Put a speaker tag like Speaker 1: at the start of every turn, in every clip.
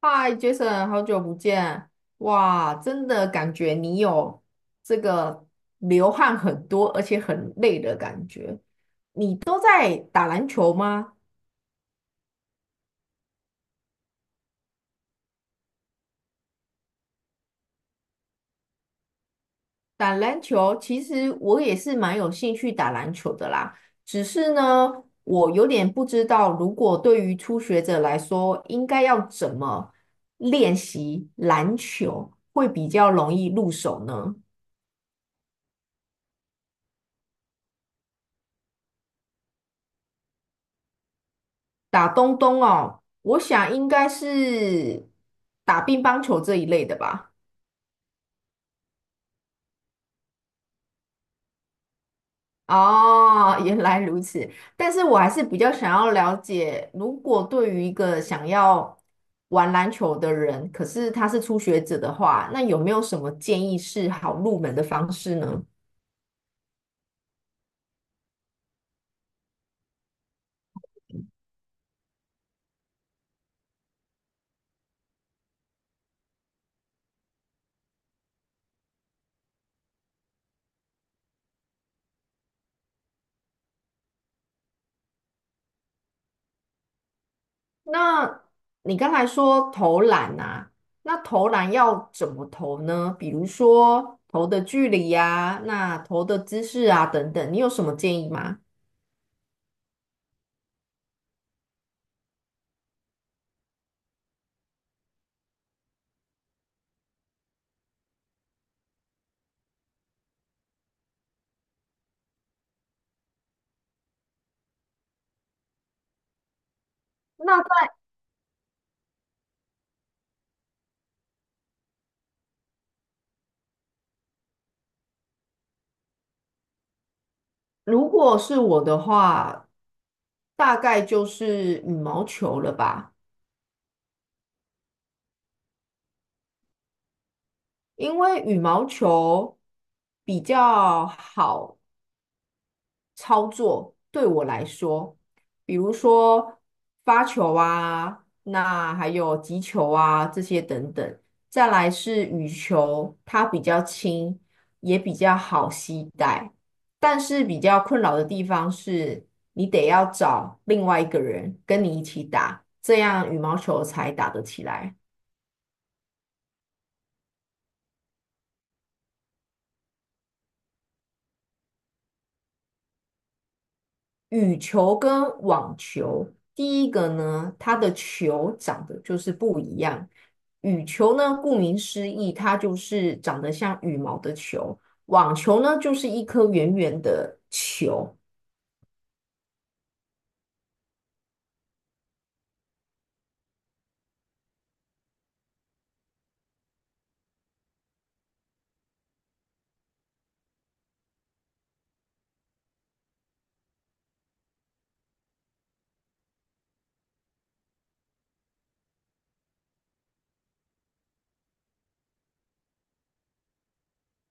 Speaker 1: 嗨，Jason，好久不见！哇，真的感觉你有这个流汗很多，而且很累的感觉。都在打篮球吗？打篮球，其实我也是蛮有兴趣打篮球的啦。只是呢，我有点不知道，如果对于初学者来说，应该要怎么练习篮球会比较容易入手呢？打东东哦，我想应该是打乒乓球这一类的吧。哦，原来如此。但是我还是比较想要了解，如果对于一个想要玩篮球的人，可是他是初学者的话，那有没有什么建议是好入门的方式呢？那你刚才说投篮啊，那投篮要怎么投呢？比如说投的距离呀、那投的姿势啊等等，你有什么建议吗？那在如果是我的话，大概就是羽毛球了吧，因为羽毛球比较好操作对我来说，比如说发球啊，那还有击球啊这些等等。再来是羽球，它比较轻，也比较好携带，但是比较困扰的地方是，你得要找另外一个人跟你一起打，这样羽毛球才打得起来。羽球跟网球，第一个呢，它的球长得就是不一样。羽球呢，顾名思义，它就是长得像羽毛的球；网球呢，就是一颗圆圆的球。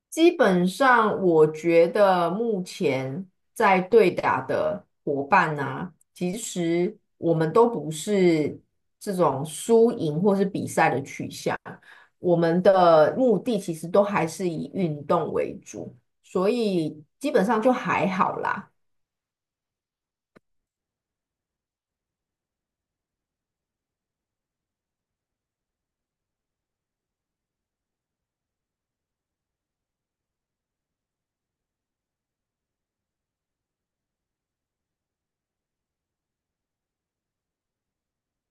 Speaker 1: 基本上，我觉得目前在对打的伙伴呢、其实我们都不是这种输赢或是比赛的取向，我们的目的其实都还是以运动为主，所以基本上就还好啦。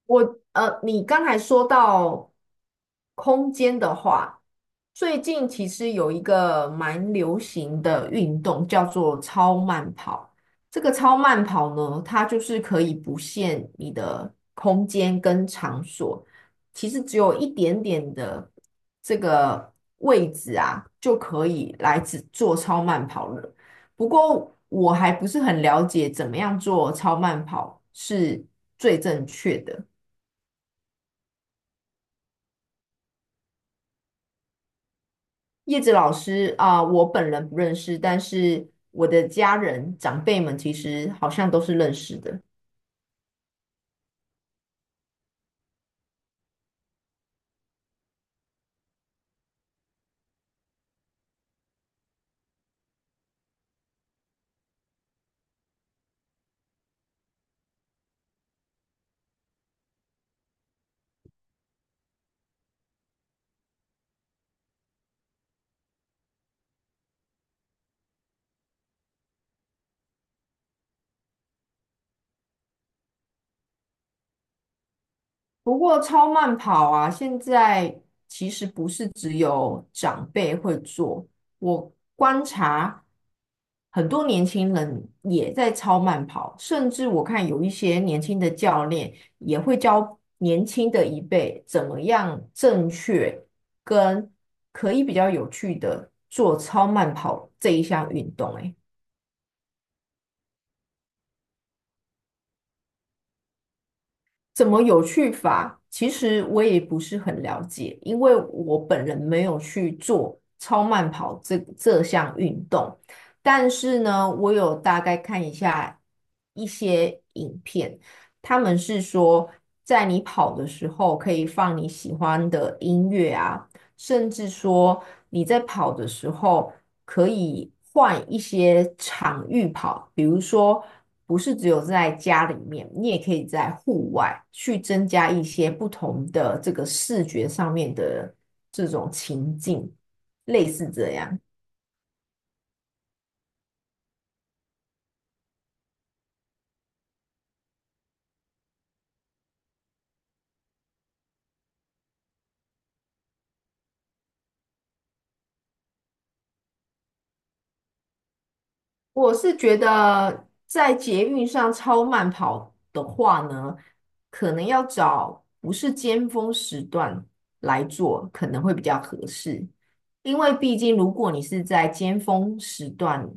Speaker 1: 我你刚才说到空间的话，最近其实有一个蛮流行的运动叫做超慢跑。这个超慢跑呢，它就是可以不限你的空间跟场所，其实只有一点点的位置啊，就可以来只做超慢跑了。不过我还不是很了解怎么样做超慢跑是最正确的。叶子老师啊，我本人不认识，但是我的家人长辈们其实好像都是认识的。不过超慢跑啊，现在其实不是只有长辈会做，我观察很多年轻人也在超慢跑，甚至我看有一些年轻的教练也会教年轻的一辈怎么样正确跟可以比较有趣的做超慢跑这一项运动。欸怎么有趣法？其实我也不是很了解，因为我本人没有去做超慢跑这项运动。但是呢，我有大概看一下一些影片，他们是说，在你跑的时候可以放你喜欢的音乐啊，甚至说你在跑的时候，可以换一些场域跑，比如说不是只有在家里面，你也可以在户外去增加一些不同的这个视觉上面的这种情境，类似这样。我是觉得在捷运上超慢跑的话呢，可能要找不是尖峰时段来做，可能会比较合适。因为毕竟如果你是在尖峰时段，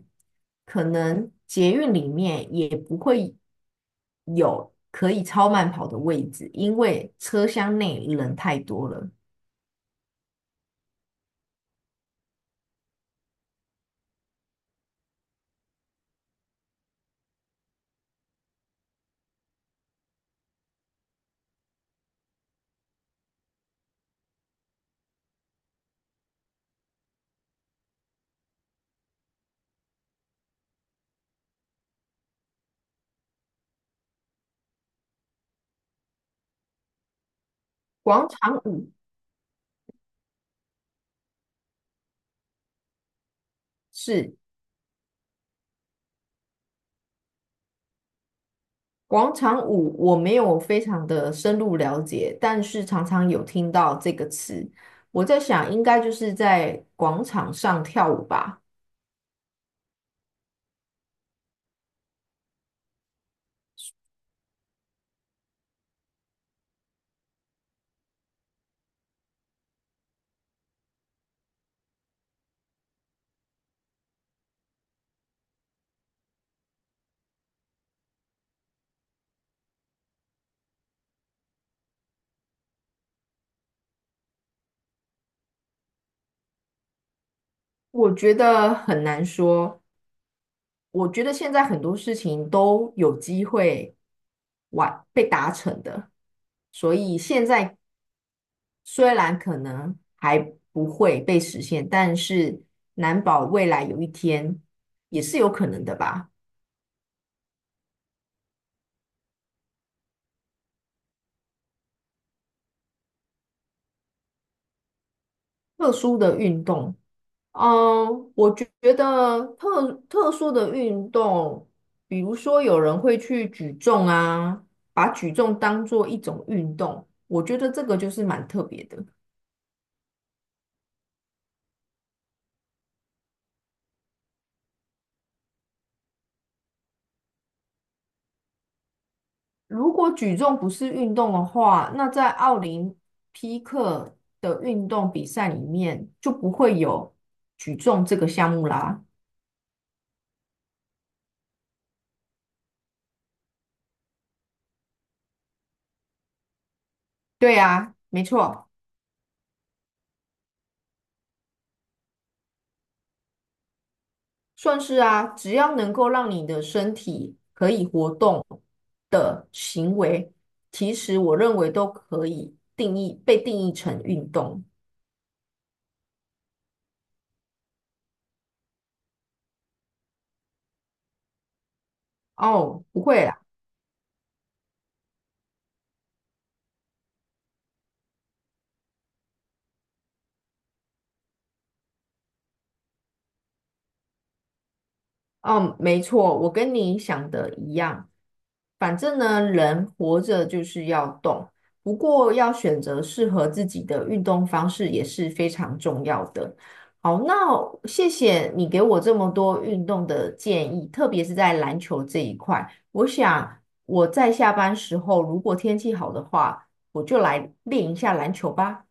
Speaker 1: 可能捷运里面也不会有可以超慢跑的位置，因为车厢内人太多了。广场舞是广场舞我没有非常的深入了解，但是常常有听到这个词。我在想，应该就是在广场上跳舞吧。我觉得很难说。我觉得现在很多事情都有机会完被达成的，所以现在虽然可能还不会被实现，但是难保未来有一天也是有可能的吧。特殊的运动。嗯，我觉得特殊的运动，比如说有人会去举重啊，把举重当做一种运动，我觉得这个就是蛮特别的。如果举重不是运动的话，那在奥林匹克的运动比赛里面就不会有举重这个项目啦。对啊，没错。算是啊，只要能够让你的身体可以活动的行为，其实我认为都可以定义，被定义成运动。哦，不会啦。嗯，没错，我跟你想的一样。反正呢，人活着就是要动，不过要选择适合自己的运动方式也是非常重要的。好，那谢谢你给我这么多运动的建议，特别是在篮球这一块。我想我在下班时候，如果天气好的话，我就来练一下篮球吧。